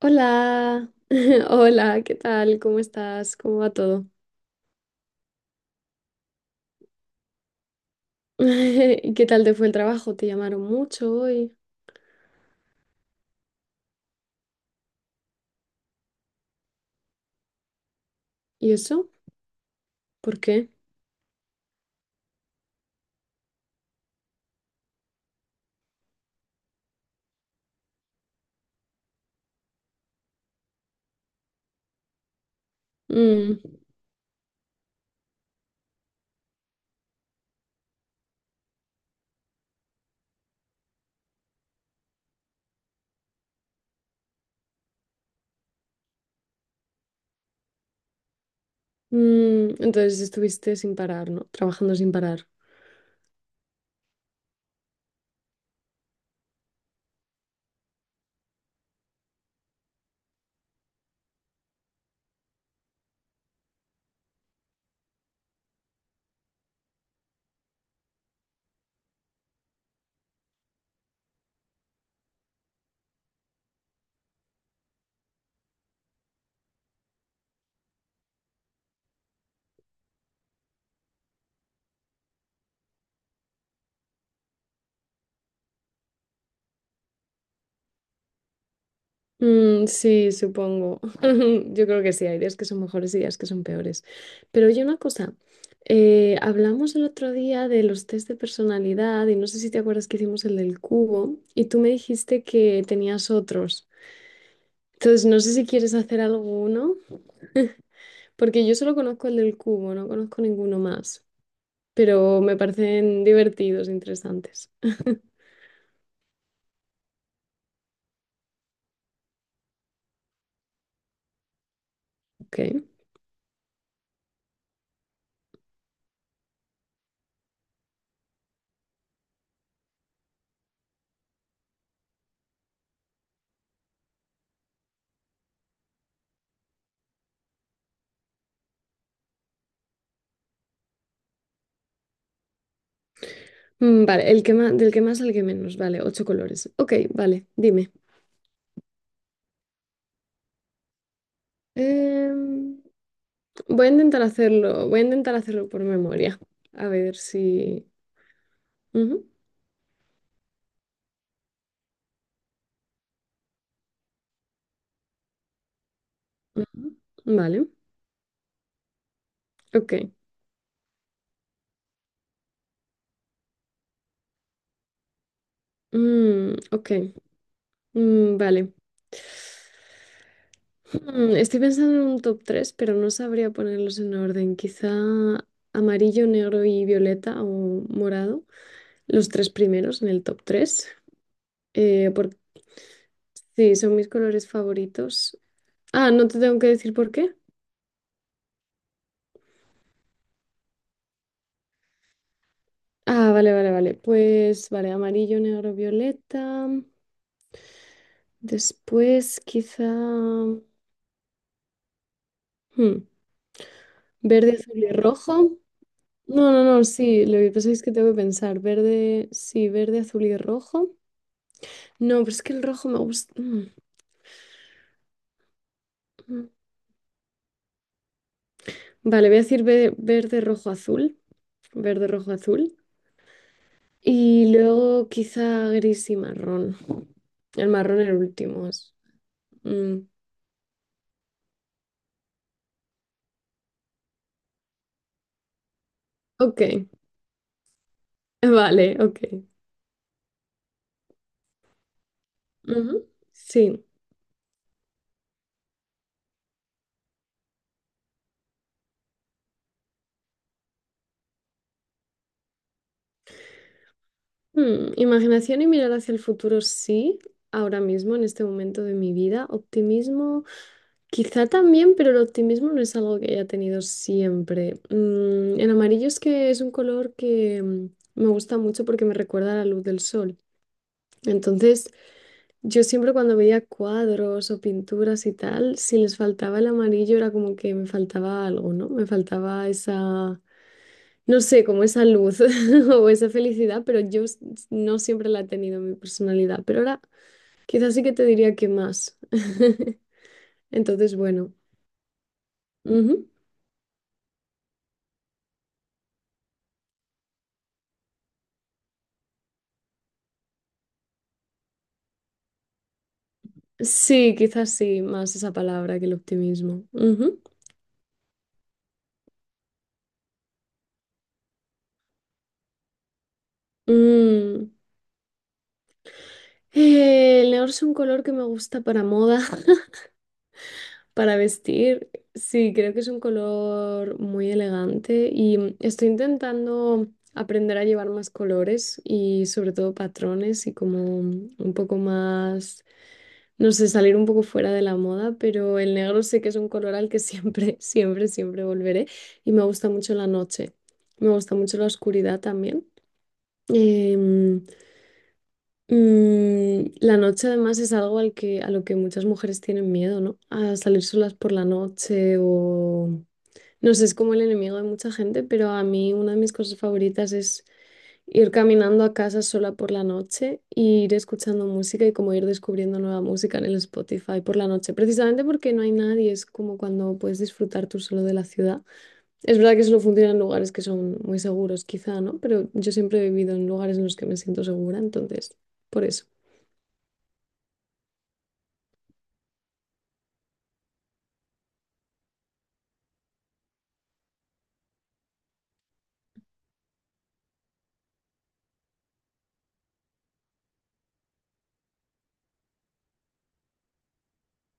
Hola, hola, ¿qué tal? ¿Cómo estás? ¿Cómo va todo? ¿Y qué tal te fue el trabajo? ¿Te llamaron mucho hoy? ¿Y eso? ¿Por qué? Mm, entonces estuviste sin parar, ¿no? Trabajando sin parar. Mm, sí, supongo. Yo creo que sí, hay días que son mejores y días que son peores. Pero oye, una cosa, hablamos el otro día de los test de personalidad y no sé si te acuerdas que hicimos el del cubo y tú me dijiste que tenías otros. Entonces, no sé si quieres hacer alguno, porque yo solo conozco el del cubo, no conozco ninguno más, pero me parecen divertidos, interesantes. Ok. Mm, vale, el que más, del que más al que menos, vale, ocho colores. Ok, vale, dime. Em, Voy a intentar hacerlo por memoria, a ver si. Ujú, ujú. Vale, ok. Mm, ok. Mm, vale. Estoy pensando en un top 3 pero no sabría ponerlos en orden. Quizá amarillo, negro y violeta o morado. Los tres primeros en el top 3. Porque sí, son mis colores favoritos. Ah, no te tengo que decir por qué. Ah, vale, vale, vale. Pues vale, amarillo, negro, violeta. Después quizá verde, azul y rojo. No, no, no, sí, lo que pasa es que tengo que pensar, verde, sí, verde, azul y rojo. No, pero es que el rojo me gusta. Mm. Vale, voy a decir verde, rojo, azul, verde, rojo, azul. Y luego quizá gris y marrón. El marrón el último es. Mm, ok, vale, ok. Ujú, sí. Imaginación y mirar hacia el futuro, sí, ahora mismo, en este momento de mi vida. Optimismo. Quizá también, pero el optimismo no es algo que haya tenido siempre. El amarillo es que es un color que me gusta mucho porque me recuerda a la luz del sol. Entonces, yo siempre cuando veía cuadros o pinturas y tal, si les faltaba el amarillo era como que me faltaba algo, ¿no? Me faltaba esa, no sé, como esa luz o esa felicidad, pero no siempre la he tenido en mi personalidad. Pero ahora quizás sí que te diría que más. Entonces, bueno. Sí, quizás sí, más esa palabra que el optimismo. Ujú. Mm. El negro es un color que me gusta para moda, para vestir. Sí, creo que es un color muy elegante y estoy intentando aprender a llevar más colores y sobre todo patrones y como un poco más, no sé, salir un poco fuera de la moda, pero el negro sé que es un color al que siempre, siempre, siempre volveré y me gusta mucho la noche. Me gusta mucho la oscuridad también. Em, la noche además es algo a lo que muchas mujeres tienen miedo, ¿no? A salir solas por la noche o. No sé, es como el enemigo de mucha gente, pero a mí una de mis cosas favoritas es ir caminando a casa sola por la noche y ir escuchando música y como ir descubriendo nueva música en el Spotify por la noche, precisamente porque no hay nadie, es como cuando puedes disfrutar tú solo de la ciudad. Es verdad que solo funciona en lugares que son muy seguros, quizá, ¿no? Pero yo siempre he vivido en lugares en los que me siento segura, entonces, por eso.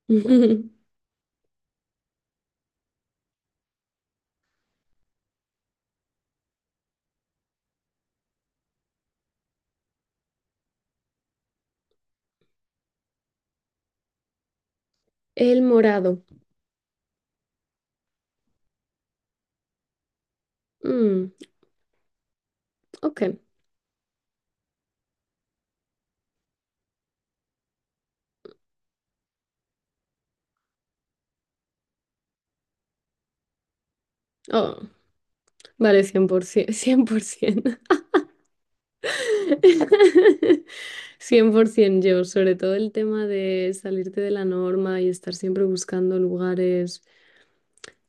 El morado. Mm, ok. Oh, vale, 100%. Cien, por cien por 100% yo, sobre todo el tema de salirte de la norma y estar siempre buscando lugares.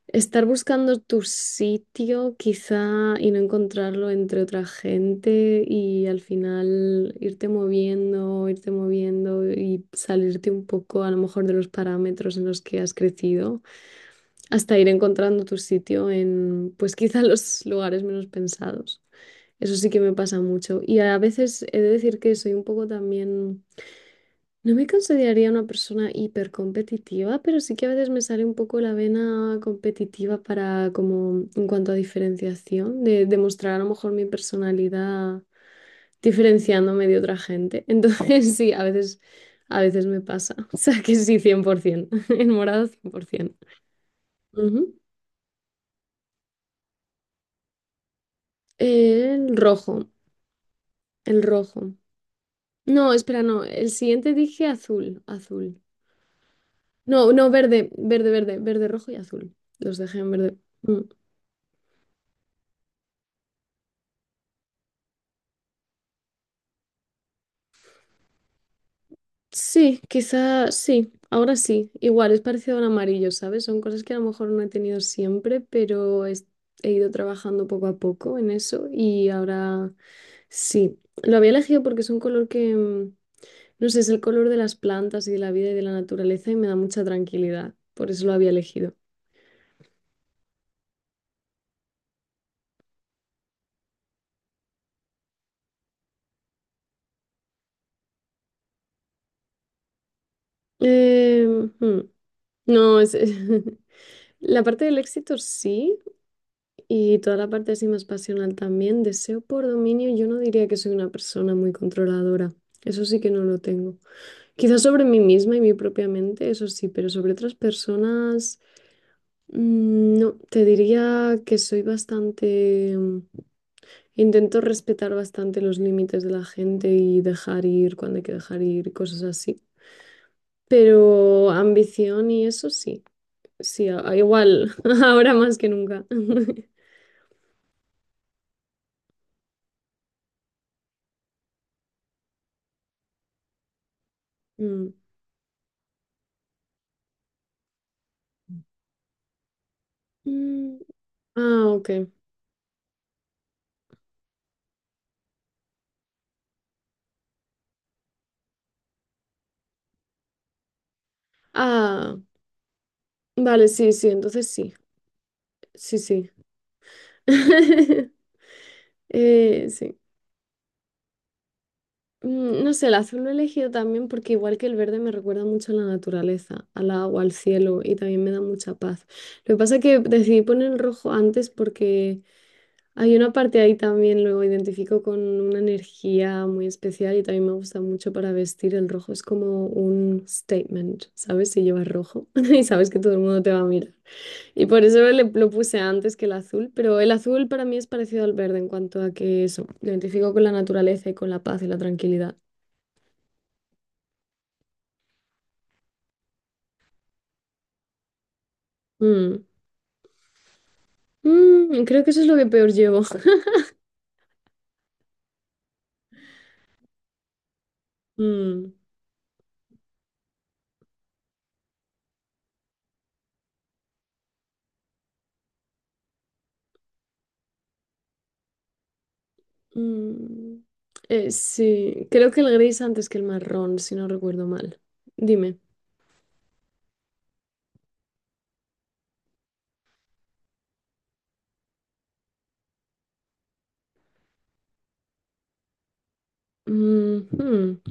Estar buscando tu sitio quizá y no encontrarlo entre otra gente y al final irte moviendo y salirte un poco a lo mejor de los parámetros en los que has crecido hasta ir encontrando tu sitio en pues quizá los lugares menos pensados. Eso sí que me pasa mucho y a veces he de decir que soy un poco también no me consideraría una persona hipercompetitiva, pero sí que a veces me sale un poco la vena competitiva para, como, en cuanto a diferenciación, de demostrar a lo mejor mi personalidad diferenciándome de otra gente. Entonces, sí, a veces me pasa. O sea que sí, 100%. El morado, 100%. Ujú. El rojo, el rojo. No, espera, no. El siguiente dije azul, azul. No, no, verde, verde, verde, verde, rojo y azul. Los dejé en verde. Mm. Sí, quizá sí, ahora sí. Igual es parecido a un amarillo, ¿sabes? Son cosas que a lo mejor no he tenido siempre, pero he ido trabajando poco a poco en eso y ahora sí. Lo había elegido porque es un color que, no sé, es el color de las plantas y de la vida y de la naturaleza y me da mucha tranquilidad. Por eso lo había elegido. Eh, hmm, No, es. La parte del éxito sí, y toda la parte así más pasional también. Deseo por dominio, yo no diría que soy una persona muy controladora. Eso sí que no lo tengo. Quizás sobre mí misma y mi propia mente, eso sí, pero sobre otras personas, no. Te diría que soy bastante. Intento respetar bastante los límites de la gente y dejar ir cuando hay que dejar ir, y cosas así. Pero ambición y eso sí. Sí, igual, ahora más que nunca. Mm. Mm, ah, ok. Ah, vale, sí, sí, entonces sí, sí, sí. Sí. Mm, no sé, el azul lo he elegido también porque igual que el verde me recuerda mucho a la naturaleza, al agua, al cielo y también me da mucha paz. Lo que pasa es que decidí poner el rojo antes porque hay una parte ahí también, lo identifico con una energía muy especial y también me gusta mucho para vestir. El rojo es como un statement, ¿sabes? Si llevas rojo y sabes que todo el mundo te va a mirar. Y por eso lo puse antes que el azul, pero el azul para mí es parecido al verde en cuanto a que eso, lo identifico con la naturaleza y con la paz y la tranquilidad. Mm. Mm, creo que eso es lo que peor llevo. Mm, mm. Sí, creo que el gris antes que el marrón, si no recuerdo mal. Dime. Mm, mm.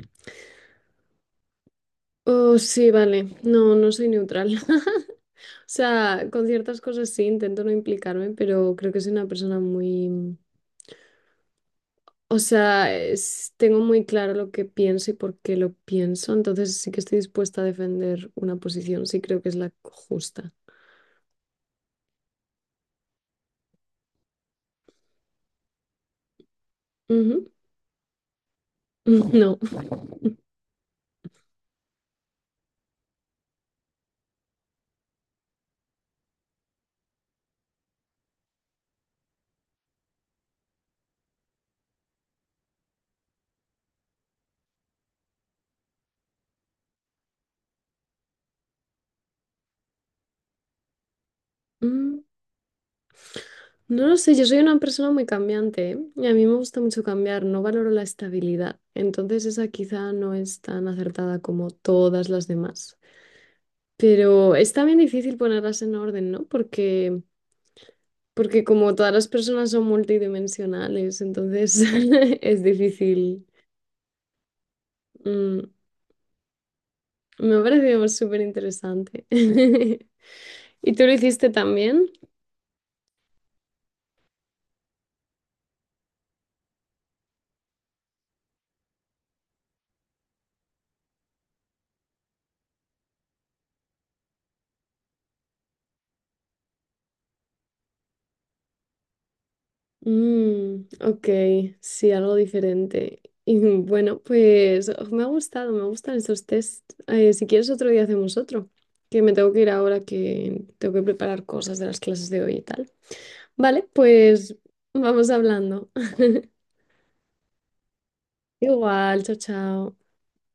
Oh, sí, vale. No, no soy neutral. O sea, con ciertas cosas sí, intento no implicarme, pero creo que soy una persona muy. O sea, tengo muy claro lo que pienso y por qué lo pienso, entonces sí que estoy dispuesta a defender una posición, sí creo que es la justa. Ujú. No. Mm, no lo sé, yo soy una persona muy cambiante, ¿eh? Y a mí me gusta mucho cambiar, no valoro la estabilidad, entonces esa quizá no es tan acertada como todas las demás. Pero es también difícil ponerlas en orden, ¿no? Porque como todas las personas son multidimensionales, entonces es difícil. mm, Me ha parecido súper interesante. ¿Y tú lo hiciste también? Mm, ok, sí, algo diferente. Y bueno, pues oh, me ha gustado, me gustan estos test. Si quieres otro día hacemos otro, que me tengo que ir ahora que tengo que preparar cosas de las clases de hoy y tal. Vale, pues vamos hablando. Igual, chao, chao.